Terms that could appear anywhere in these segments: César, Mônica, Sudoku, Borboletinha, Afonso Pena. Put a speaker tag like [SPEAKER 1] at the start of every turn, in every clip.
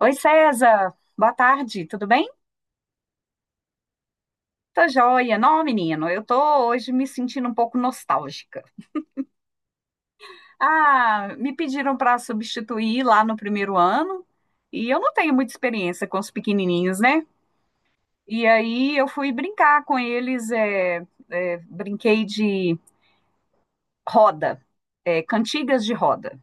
[SPEAKER 1] Oi, César. Boa tarde, tudo bem? Tô joia. Não, menino, eu tô hoje me sentindo um pouco nostálgica. Ah, me pediram para substituir lá no primeiro ano e eu não tenho muita experiência com os pequenininhos, né? E aí eu fui brincar com eles, brinquei de roda, cantigas de roda.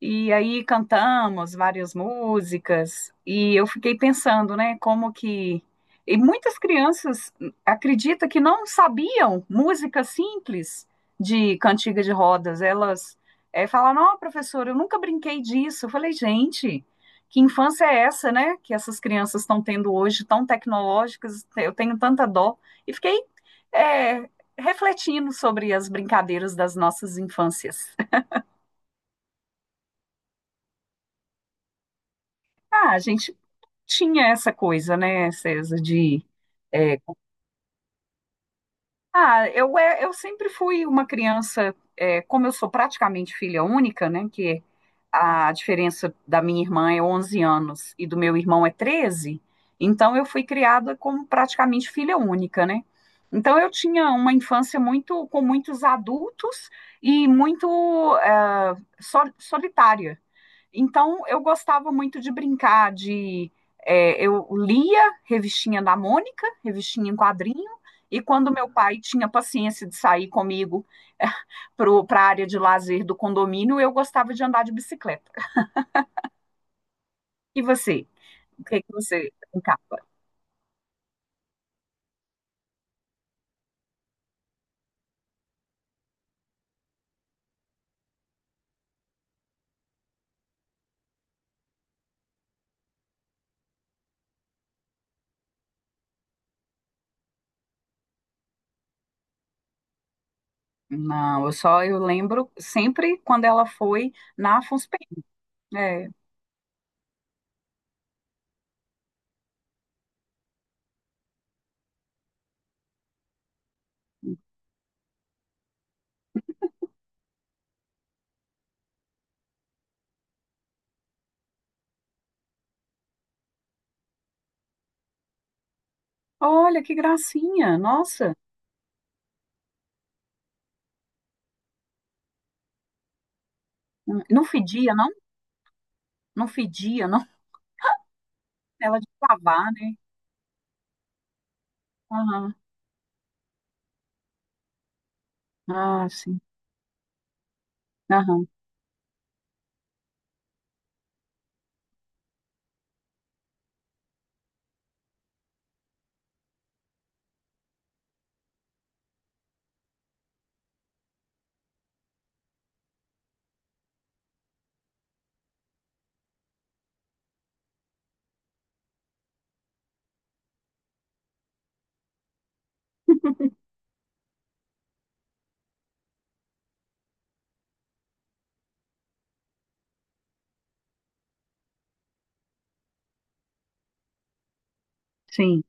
[SPEAKER 1] E aí cantamos várias músicas e eu fiquei pensando, né, como que e muitas crianças acreditam que não sabiam música simples de cantiga de rodas. Elas falaram: "Ó, professora, eu nunca brinquei disso". Eu falei: "Gente, que infância é essa, né, que essas crianças estão tendo hoje, tão tecnológicas? Eu tenho tanta dó". E fiquei eh, refletindo sobre as brincadeiras das nossas infâncias. Ah, a gente tinha essa coisa, né, César, de. é, ah, eu, eu sempre fui uma criança, como eu sou praticamente filha única, né, que a diferença da minha irmã é 11 anos e do meu irmão é 13, então eu fui criada como praticamente filha única, né? Então eu tinha uma infância muito com muitos adultos e muito ah, solitária. Então, eu gostava muito de brincar de. Eu lia revistinha da Mônica, revistinha em quadrinho, e quando meu pai tinha paciência de sair comigo para a área de lazer do condomínio, eu gostava de andar de bicicleta. E você? O que que você brincava? Não, eu só eu lembro sempre quando ela foi na Afonso Pena. É, olha que gracinha, nossa. Não fedia, não? Não fedia, não? Ela de lavar, né? Aham. Ah, sim. Aham, sim,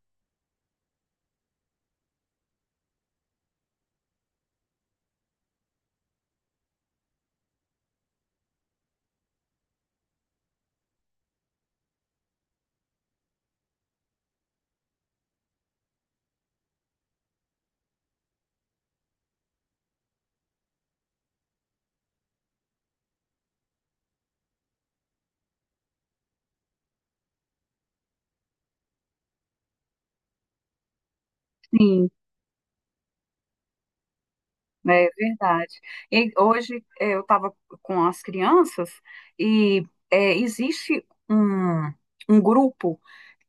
[SPEAKER 1] sim, é verdade. E hoje eu estava com as crianças e existe um, um grupo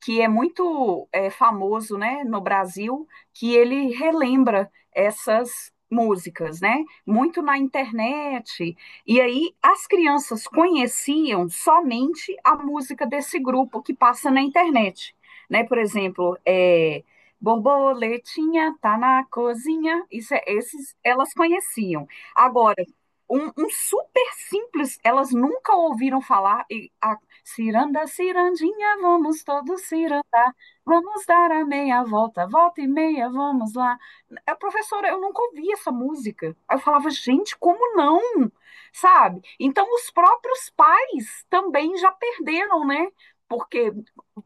[SPEAKER 1] que é muito famoso, né, no Brasil, que ele relembra essas músicas, né, muito na internet. E aí as crianças conheciam somente a música desse grupo que passa na internet. Né, por exemplo, Borboletinha tá na cozinha. Isso é, esses elas conheciam. Agora, um super simples, elas nunca ouviram falar. E a ciranda, cirandinha, vamos todos cirandar. Vamos dar a meia volta, volta e meia, vamos lá. A professora, eu nunca ouvi essa música. Aí eu falava, gente, como não? Sabe? Então, os próprios pais também já perderam, né? Porque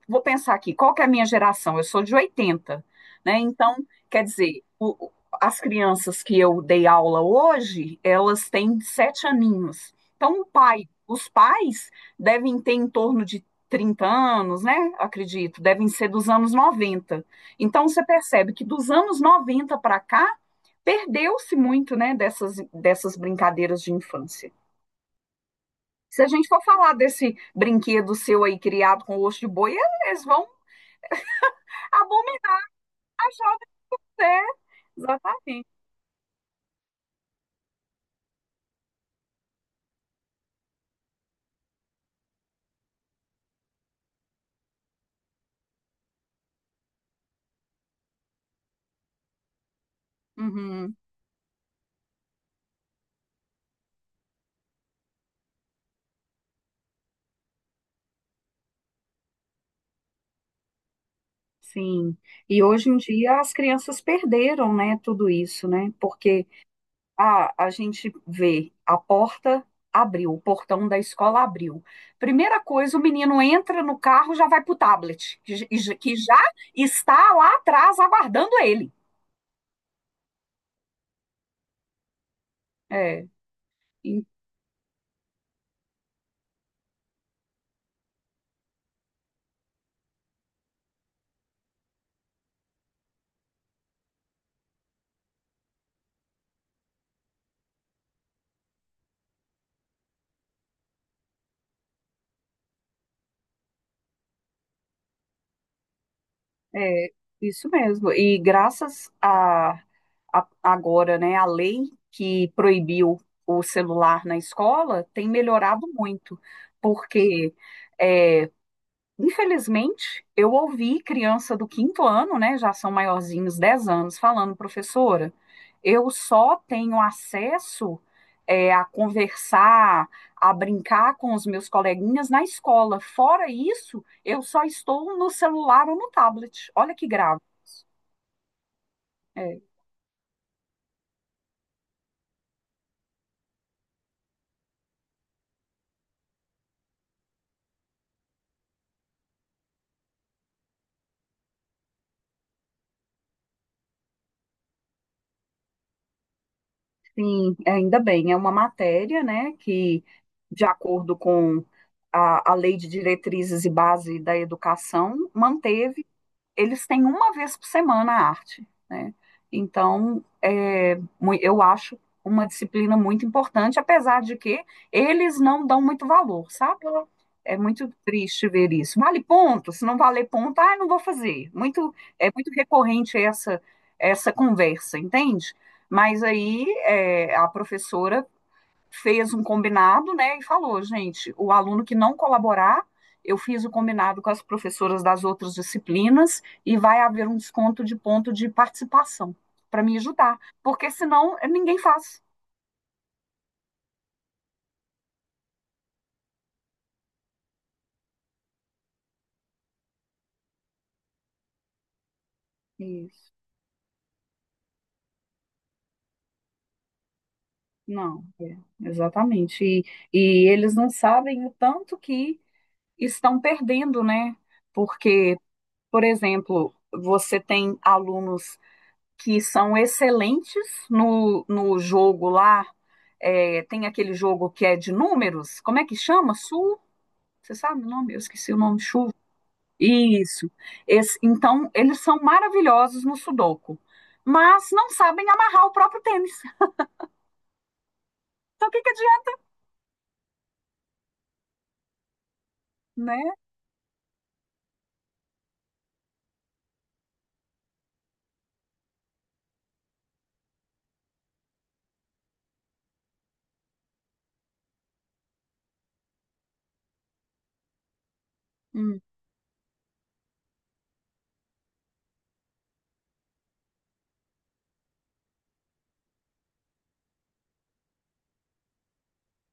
[SPEAKER 1] vou pensar aqui, qual que é a minha geração? Eu sou de 80, né? Então, quer dizer, as crianças que eu dei aula hoje, elas têm 7 aninhos. Então, o pai, os pais devem ter em torno de 30 anos, né? Acredito, devem ser dos anos 90. Então, você percebe que dos anos 90 para cá, perdeu-se muito, né, dessas brincadeiras de infância. Se a gente for falar desse brinquedo seu aí criado com osso de boi, eles vão abominar A jovens, é, exatamente. Uhum, sim. E hoje em dia as crianças perderam, né, tudo isso, né? Porque a gente vê a porta abriu, o portão da escola abriu. Primeira coisa, o menino entra no carro, já vai pro tablet, que, que já está lá atrás aguardando ele. É. É, isso mesmo. E graças a, agora, né, a lei que proibiu o celular na escola tem melhorado muito, porque é, infelizmente, eu ouvi criança do quinto ano, né, já são maiorzinhos, 10 anos, falando, professora, eu só tenho acesso a conversar, a brincar com os meus coleguinhas na escola. Fora isso, eu só estou no celular ou no tablet. Olha que grave. É, sim, ainda bem, é uma matéria, né, que, de acordo com a Lei de Diretrizes e Base da Educação, manteve eles têm uma vez por semana a arte, né? Então, eu acho uma disciplina muito importante, apesar de que eles não dão muito valor, sabe? É muito triste ver isso. Vale ponto? Se não valer ponto, ah, não vou fazer. Muito, é muito recorrente essa, essa conversa, entende? Mas aí é, a professora fez um combinado, né, e falou, gente, o aluno que não colaborar, eu fiz o combinado com as professoras das outras disciplinas e vai haver um desconto de ponto de participação para me ajudar, porque senão ninguém faz. Isso. Não, é, exatamente. E eles não sabem o tanto que estão perdendo, né? Porque, por exemplo, você tem alunos que são excelentes no jogo lá. É, tem aquele jogo que é de números, como é que chama? Sul? Você sabe o nome? Eu esqueci o nome, chuva. Isso. Então, eles são maravilhosos no Sudoku, mas não sabem amarrar o próprio tênis. Então, o que que adianta, né? Hum,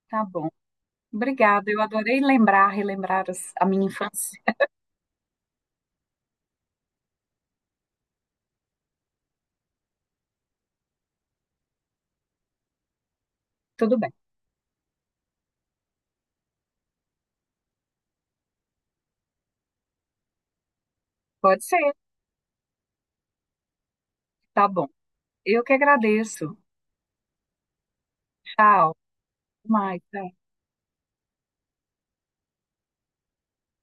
[SPEAKER 1] tá bom. Obrigada. Eu adorei lembrar, relembrar a minha infância. Tudo bem. Pode ser. Tá bom. Eu que agradeço. Tchau. Até mais. Tchau.